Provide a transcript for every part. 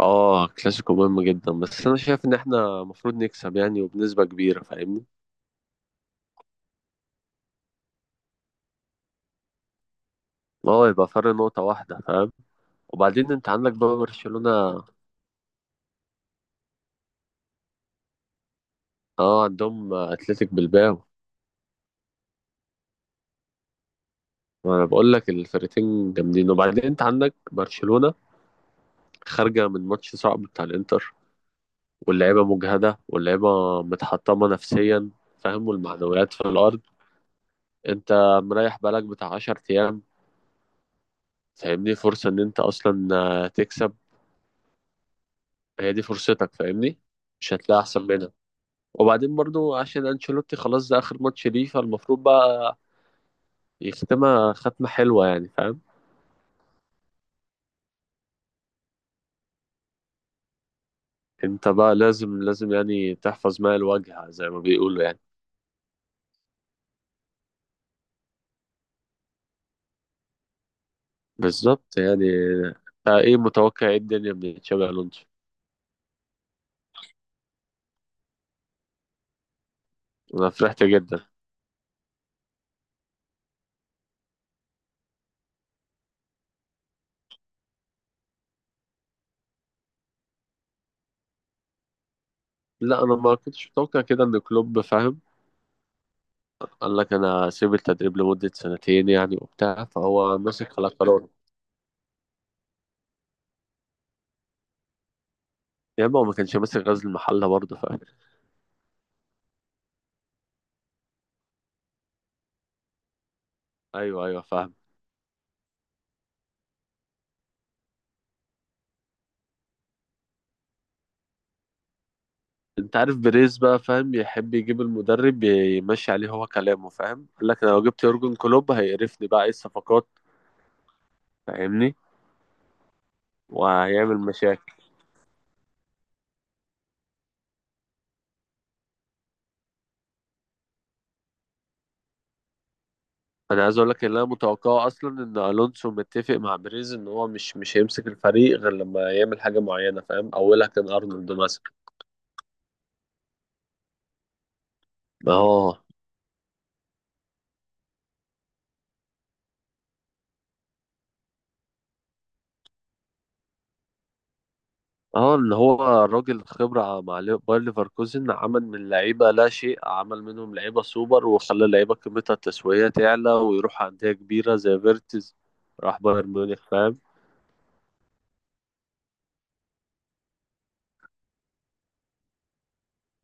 اه، كلاسيكو مهم جدا، بس انا شايف ان احنا المفروض نكسب يعني وبنسبة كبيرة. فاهمني؟ اه، يبقى فرق نقطة واحدة. فاهم؟ وبعدين انت عندك بقى برشلونة. اه، عندهم اتلتيك بالباو. وانا بقول لك الفرقتين جامدين. وبعدين انت عندك برشلونة خارجة من ماتش صعب بتاع الانتر، واللعيبة مجهدة واللعيبة متحطمة نفسيا. فاهم؟ والمعنويات في الارض. انت مريح بالك بتاع 10 ايام. فاهمني؟ فرصة ان انت اصلا تكسب. هي دي فرصتك. فاهمني؟ مش هتلاقي احسن منها. وبعدين برضو عشان انشيلوتي خلاص، ده اخر ماتش ليه، فالمفروض بقى يختمها ختمة حلوة يعني. فاهم؟ انت بقى لازم لازم يعني تحفظ ماء الوجه زي ما بيقولوا يعني. بالظبط يعني. ايه متوقع، ايه الدنيا من تشابي الونسو؟ انا فرحت جدا. لا، انا ما كنتش متوقع كده ان كلوب. فاهم؟ قال لك انا سيب التدريب لمدة سنتين يعني وبتاع، فهو ماسك على قراره. يا اما هو ما كانش ماسك غزل المحلة برضه. فاهم؟ ايوه ايوه فاهم. انت عارف بريز بقى، فاهم؟ يحب يجيب المدرب يمشي عليه هو كلامه. فاهم؟ قال لك انا لو جبت يورجن كلوب هيقرفني، بقى ايه الصفقات. فاهمني؟ وهيعمل مشاكل. انا عايز اقول لك ان انا متوقعه اصلا ان الونسو متفق مع بريز ان هو مش هيمسك الفريق غير لما يعمل حاجه معينه. فاهم؟ اولها كان ارنولد مثلا. اهو. اه، اللي هو الراجل خبرة مع باير ليفركوزن، عمل من لعيبة لا شيء، عمل منهم لعيبة سوبر، وخلى اللعيبة قيمتها التسويقية تعلى ويروح أندية كبيرة زي فيرتز. راح بايرن ميونخ. فاهم؟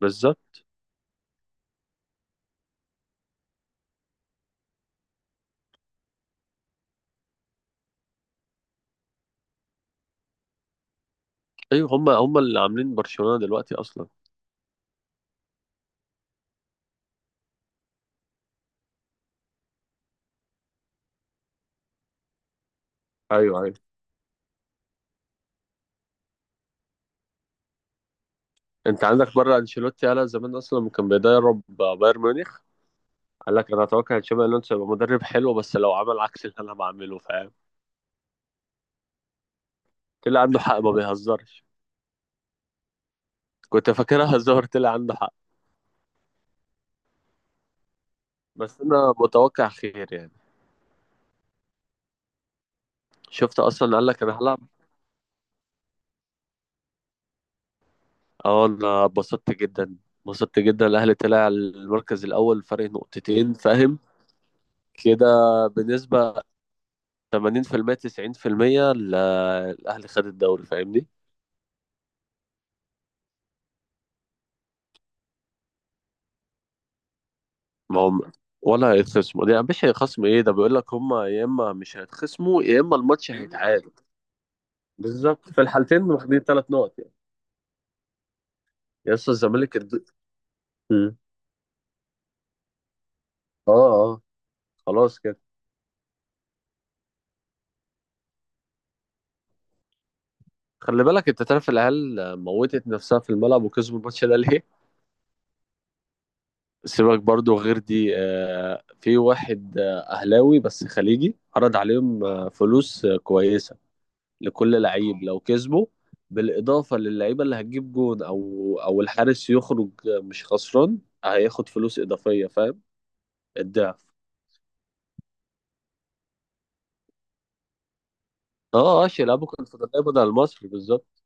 بالظبط. أيوة، هما اللي عاملين برشلونة دلوقتي أصلا. أيوة أيوة. أنت عندك بره أنشيلوتي قالها زمان أصلا لما كان بيدرب بايرن ميونخ. قال لك أنا أتوقع إن تشابي ألونسو يبقى مدرب حلو بس لو عمل عكس اللي أنا بعمله. فاهم؟ طلع عنده حق، ما بيهزرش. كنت فاكرها هزار، طلع عنده حق. بس أنا متوقع خير يعني. شفت اصلا، قال لك انا هلعب. اه، انا اتبسطت جدا اتبسطت جدا، الاهلي طلع المركز الاول فرق نقطتين. فاهم؟ كده بنسبة 80% 90% الاهلي خد الدوري. فاهمني؟ ما هم ولا هيتخصموا، دي مش هيخصموا ايه، ده بيقول لك هم يا اما مش هيتخصموا يا اما الماتش هيتعاد. بالظبط، في الحالتين واخدين ثلاث نقط يعني. يا اسطى الزمالك مم. اه اه. خلاص كده. خلي بالك انت، تعرف العيال موتت نفسها في الملعب وكسبوا الماتش ده ليه؟ سيبك برضو، غير دي في واحد أهلاوي بس خليجي عرض عليهم فلوس كويسة لكل لعيب لو كسبه، بالإضافة للعيبة اللي هتجيب جون أو الحارس يخرج، مش خسران، هياخد فلوس إضافية. فاهم؟ الضعف. اه اه، يلعبوا كونفدرالية بدل مصر. بالظبط.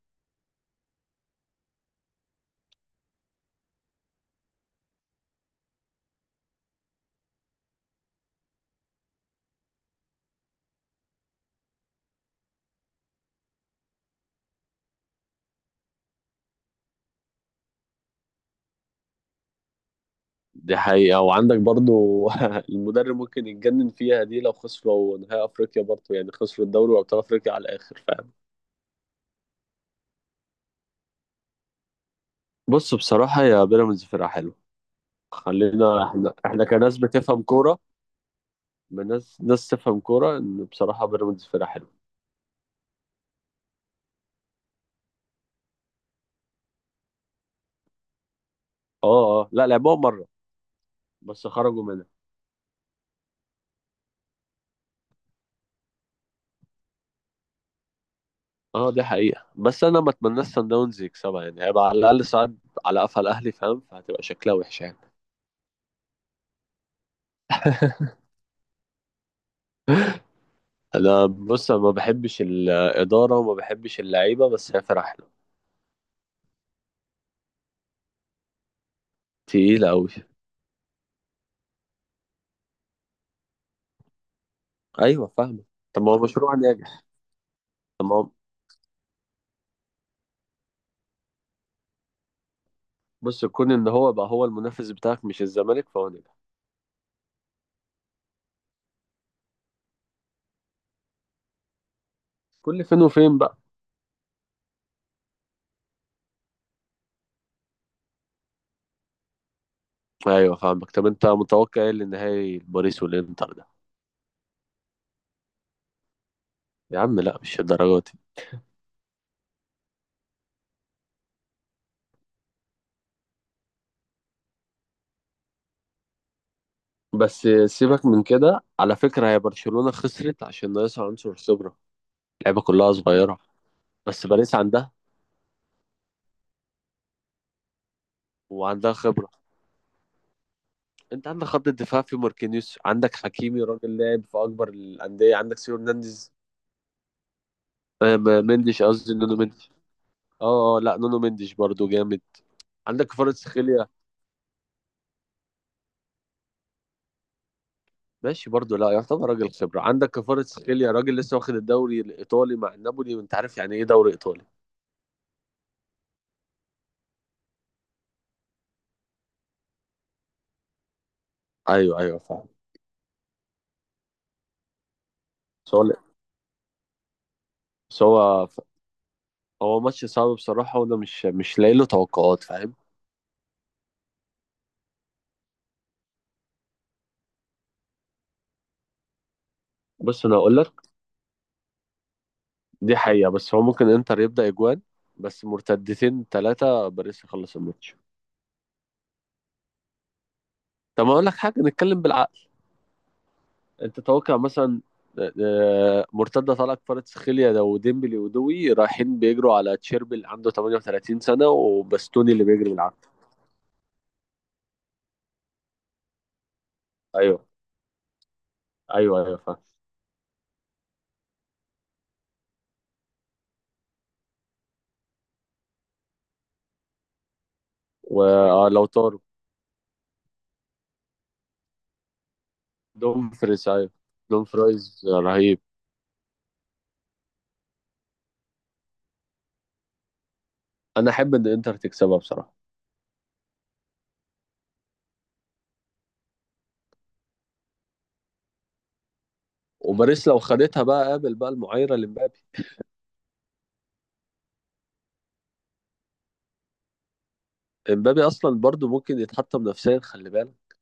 دي حقيقة. وعندك برضو المدرب ممكن يتجنن فيها دي لو خسروا نهائي أفريقيا، برضو يعني خسروا الدوري وأبطال أفريقيا على الآخر. فاهم؟ بص بصراحة، يا بيراميدز فرقة حلوة. خلينا احنا كناس بتفهم كوره، من ناس تفهم كوره، ان بصراحه بيراميدز فرقه حلوه. اه اه، لا لعبوها مره بس خرجوا منها. اه دي حقيقه، بس انا ما اتمناش سان داونز يكسبها يعني، هيبقى على الاقل صعد على قفا الاهلي. فاهم؟ فهتبقى شكلها وحش يعني. انا بص، أنا ما بحبش الاداره وما بحبش اللعيبه بس هي فرقه حلوه. تقيله قوي. ايوه فاهمه. طب ما هو مشروع ناجح. طب ما هو. بص، كون ان هو بقى هو المنافس بتاعك مش الزمالك، فهو ناجح. كل فين وفين بقى. ايوه فاهمك. طب انت متوقع ايه للنهائي باريس والانتر ده؟ يا عم لا، مش الدرجات دي. بس سيبك من كده، على فكرة هي برشلونة خسرت عشان ناقصها عنصر خبرة، اللعيبة كلها صغيرة. بس باريس عندها، وعندها خبرة. انت عندك خط الدفاع في ماركينيوس، عندك حكيمي راجل لاعب في اكبر الاندية، عندك سيو هرنانديز. مندش، قصدي نونو مندش. اه اه، لا نونو مندش برضو جامد. عندك كفاراتسخيليا. ماشي برضو، لا يعتبر راجل خبرة، عندك كفاراتسخيليا راجل لسه واخد الدوري الإيطالي مع نابولي وأنت عارف يعني إيه دوري إيطالي. أيوه أيوه فاهم. بس هو بس هو هو ماتش صعب بصراحة، وأنا مش لاقي له توقعات. فاهم؟ بص أنا هقول لك، دي حقيقة، بس هو ممكن إنتر يبدأ إجوان، بس مرتدتين ثلاثة باريس يخلص الماتش. طب أقول لك حاجة، نتكلم بالعقل. أنت توقع مثلا آه، مرتدة طالعة كفاراتسخيليا ده وديمبلي ودوي رايحين بيجروا على تشيربي اللي عنده 38 سنة وباستوني اللي بيجري بالعافية. ايوه ايوه ايوه فاهم. ولو طاروا دوم فريز، ايوه دوم فرايز رهيب. انا احب ان انتر تكسبها بصراحه. وباريس لو خدتها بقى، قابل بقى المعايره لمبابي. امبابي اصلا برضو ممكن يتحطم نفسيا، خلي بالك.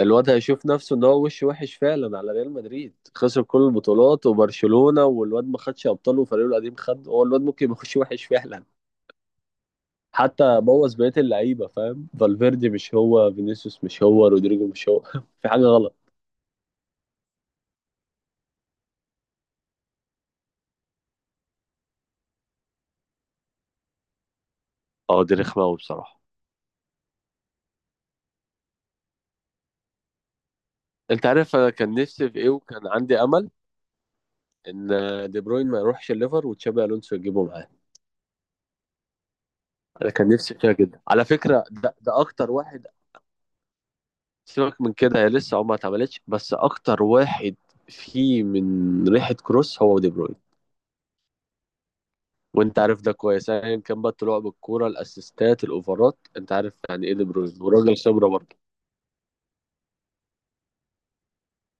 الواد هيشوف نفسه ان هو وش وحش فعلا على ريال مدريد، خسر كل البطولات، وبرشلونه والواد ما خدش ابطال وفريقه القديم خد، هو الواد ممكن يخش وحش فعلا. حتى بوظ بقيه اللعيبه. فاهم؟ فالفيردي مش هو، فينيسيوس مش هو، رودريجو مش هو. في حاجه غلط. اه دي رخمه قوي بصراحه. انت عارف انا كان نفسي في ايه، وكان عندي امل ان دي بروين ما يروحش الليفر وتشابي الونسو يجيبه معاه. انا كان نفسي فيها جدا على فكره، ده اكتر واحد. سيبك من كده، هي لسه عمرها ما اتعملتش، بس اكتر واحد فيه من ريحه كروس هو دي بروين. وانت عارف ده كويس، ايا كان بقى طلوع بالكوره، الاسيستات، الاوفرات، انت عارف يعني ايه دي بروين، وراجل خبره برضه.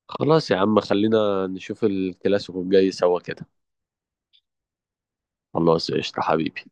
خلاص يا عم، خلينا نشوف الكلاسيكو الجاي سوا كده. خلاص قشطه حبيبي.